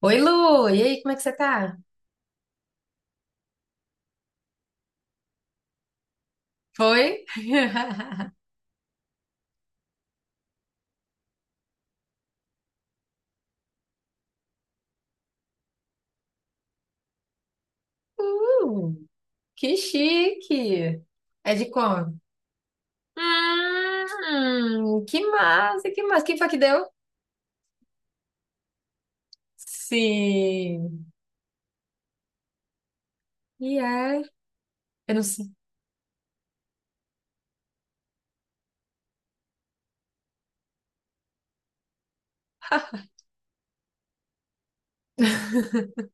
Oi, Lu! E aí, como é que você tá? Foi? Uh, que chique! É de como? Que massa, que massa. Quem foi que deu? Sim. E é? Eu não sei.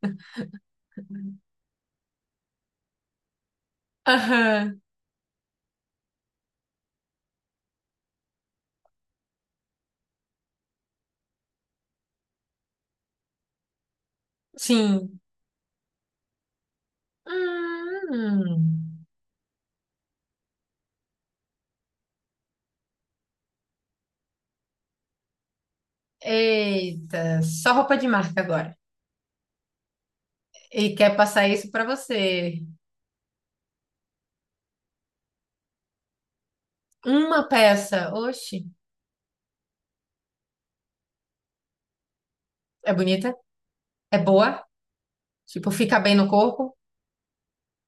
Aham, sim. Hum. Eita, só roupa de marca agora. E quer passar isso pra você. Uma peça, oxe, é bonita, é boa, tipo, fica bem no corpo.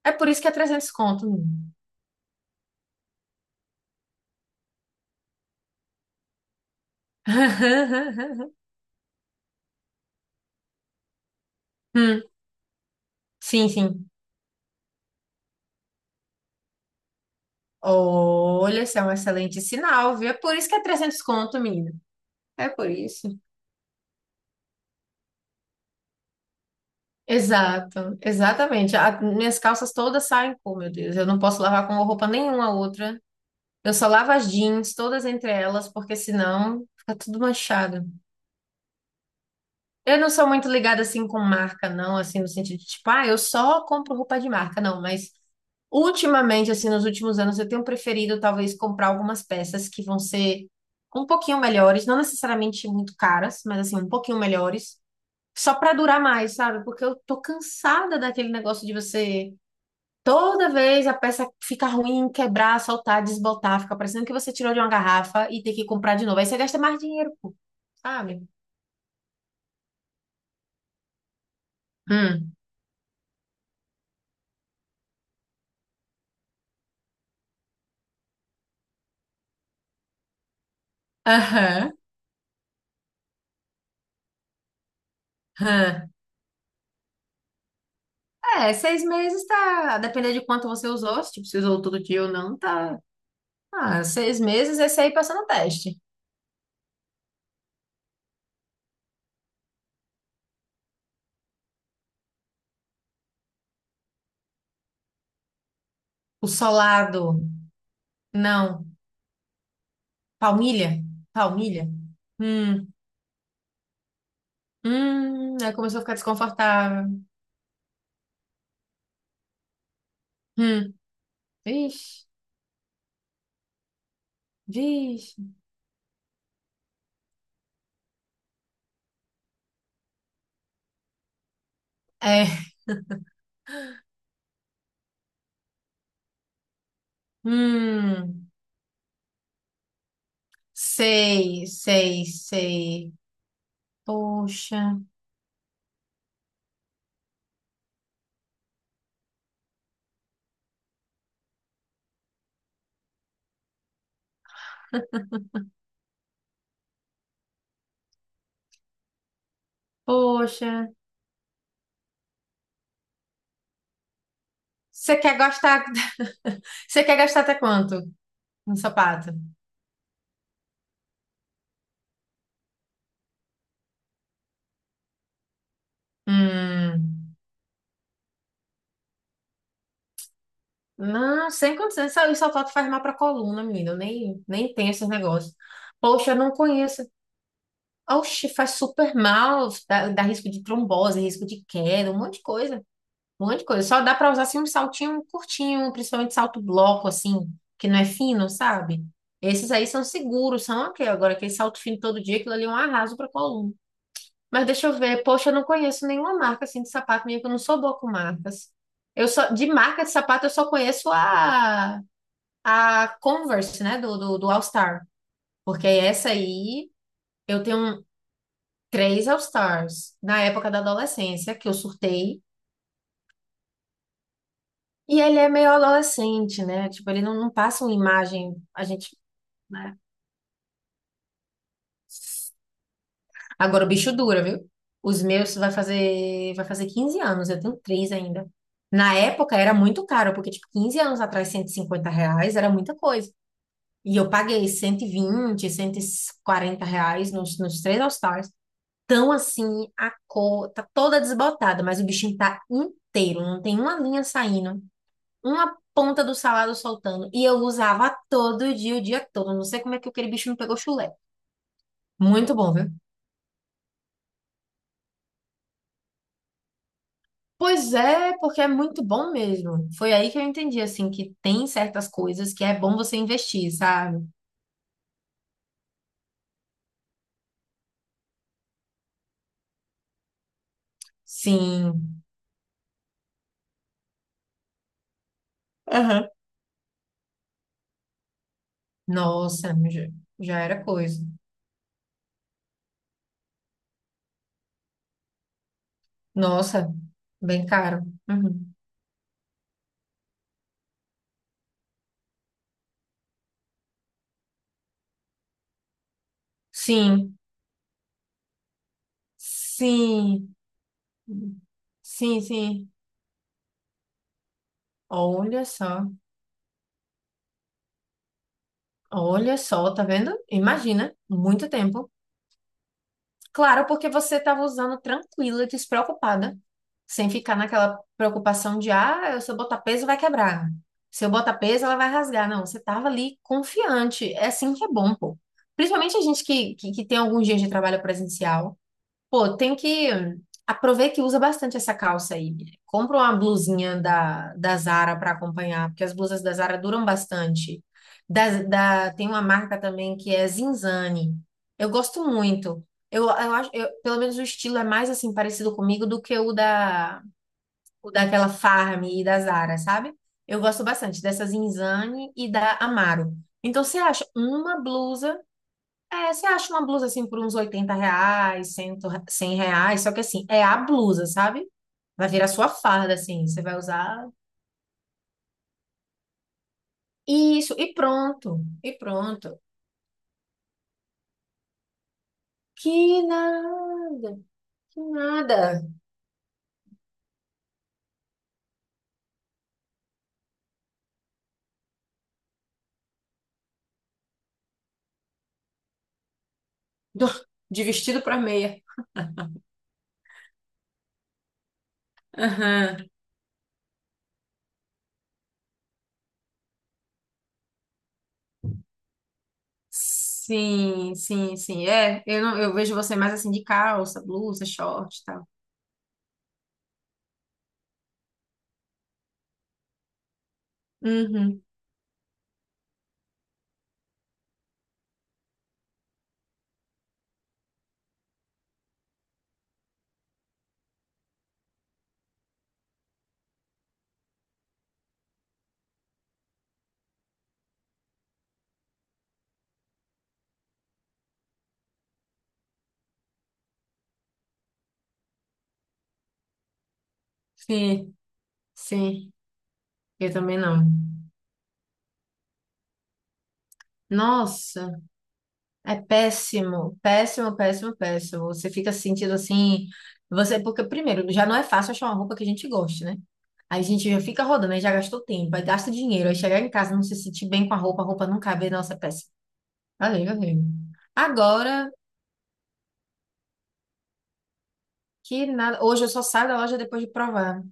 É por isso que é trezentos conto, menino. Hum, sim, sim. Olha, isso é um excelente sinal, viu? É por isso que é 300 conto, menina. É por isso. Exato, exatamente. Minhas calças todas saem com, meu Deus. Eu não posso lavar com roupa nenhuma outra. Eu só lavo as jeans, todas entre elas, porque senão fica tudo manchado. Eu não sou muito ligada assim com marca, não, assim, no sentido de tipo, ah, eu só compro roupa de marca, não, mas ultimamente, assim, nos últimos anos, eu tenho preferido talvez comprar algumas peças que vão ser um pouquinho melhores, não necessariamente muito caras, mas assim, um pouquinho melhores, só para durar mais, sabe? Porque eu tô cansada daquele negócio de você toda vez a peça fica ruim, quebrar, soltar, desbotar, fica parecendo que você tirou de uma garrafa e tem que comprar de novo. Aí você gasta mais dinheiro, pô, sabe? Hum. Aham. Hã. É, 6 meses tá. Dependendo de quanto você usou, se tipo, você usou todo dia ou não, tá. Ah, 6 meses, esse aí passa no teste. O solado, não. Palmilha? Palmilha? Hum, Aí começou a ficar desconfortável. Hum, vixe, vixe. É, hum. Sei, sei, sei. Poxa, poxa. Você quer gastar, você quer gastar até quanto no sapato? Hum. Não, sem condições. Isso só falta faz mal pra coluna, menina. Eu nem tenho esses negócios. Poxa, eu não conheço. Oxe, faz super mal. Dá risco de trombose, risco de queda, um monte de coisa. Um monte de coisa. Só dá pra usar assim um saltinho curtinho, principalmente salto bloco, assim, que não é fino, sabe? Esses aí são seguros, são ok. Agora, aquele salto fino todo dia, aquilo ali é um arraso pra coluna. Mas deixa eu ver. Poxa, eu não conheço nenhuma marca assim de sapato minha, que eu não sou boa com marcas. Eu só, de marca de sapato, eu só conheço a Converse, né, do All Star. Porque essa aí, eu tenho três All Stars na época da adolescência, que eu surtei. E ele é meio adolescente, né? Tipo, ele não passa uma imagem, a gente, né? Agora o bicho dura, viu? Os meus vai fazer 15 anos, eu tenho três ainda. Na época era muito caro, porque, tipo, 15 anos atrás, R$ 150 era muita coisa. E eu paguei cento e vinte R$ 140 nos três all tão assim, a cor tá toda desbotada, mas o bichinho tá inteiro, não tem uma linha saindo, uma ponta do salado soltando. E eu usava todo dia, o dia todo. Não sei como é que aquele bicho não pegou chulé. Muito bom, viu? Pois é, porque é muito bom mesmo. Foi aí que eu entendi, assim, que tem certas coisas que é bom você investir, sabe? Sim. Aham. Nossa, já era coisa. Nossa, bem caro. Uhum. Sim, sim, sim, sim. Olha só, olha só, tá vendo? Imagina, muito tempo. Claro, porque você estava usando tranquila, despreocupada, sem ficar naquela preocupação de, ah, se eu botar peso vai quebrar. Se eu botar peso ela vai rasgar. Não, você estava ali confiante. É assim que é bom, pô. Principalmente a gente que tem alguns dias de trabalho presencial. Pô, tem que. Aproveita que usa bastante essa calça aí. Compra uma blusinha da Zara para acompanhar, porque as blusas da Zara duram bastante. Tem uma marca também que é Zinzane. Eu gosto muito. Eu acho, pelo menos o estilo é mais assim parecido comigo do que o daquela Farm e da Zara, sabe? Eu gosto bastante dessa Zinzane e da Amaro. Então você acha uma blusa assim por uns R$ 80, 100, R$ 100, só que assim, é a blusa, sabe? Vai virar sua farda, assim, você vai usar isso, e pronto, e pronto. Que nada, que nada. Do- De vestido para meia. Aham. Sim, sim, sim. É, eu não, eu vejo você mais assim de calça, blusa, short e tal. Uhum. Sim, sim. Eu também não. Nossa. É péssimo, péssimo, péssimo, péssimo. Você fica se sentindo assim, você porque primeiro já não é fácil achar uma roupa que a gente goste, né? Aí a gente já fica rodando, aí já gastou tempo, aí gasta dinheiro, aí chegar em casa não se sentir bem com a roupa não cabe, nossa, é péssimo. Valeu, valeu. Agora que nada, hoje eu só saio da loja depois de provar.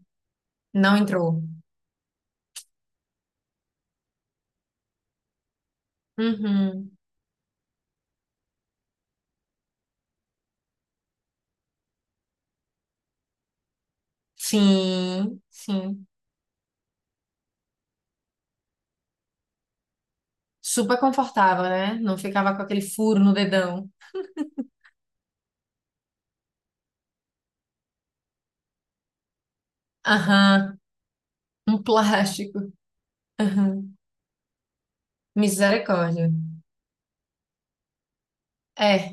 Não entrou. Uhum. Sim, sim. Super confortável, né? Não ficava com aquele furo no dedão. Aham, um plástico. Aham. Misericórdia. É.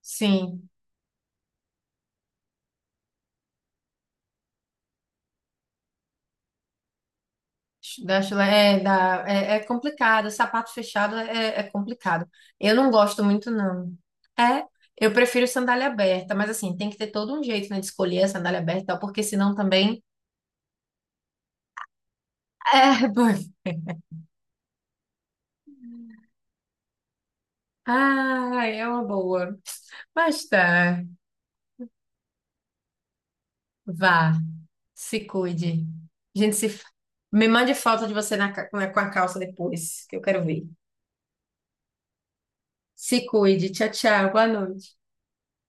Sim, da chula é, da, é complicado, sapato fechado é complicado. Eu não gosto muito, não. É, eu prefiro sandália aberta, mas assim, tem que ter todo um jeito, né, de escolher a sandália aberta, e tal, porque senão também. É, bom. Ah, é uma boa. Mas tá, vá, se cuide. A gente se. Fa- Me mande foto de você com a calça depois, que eu quero ver. Se cuide. Tchau, tchau. Boa noite.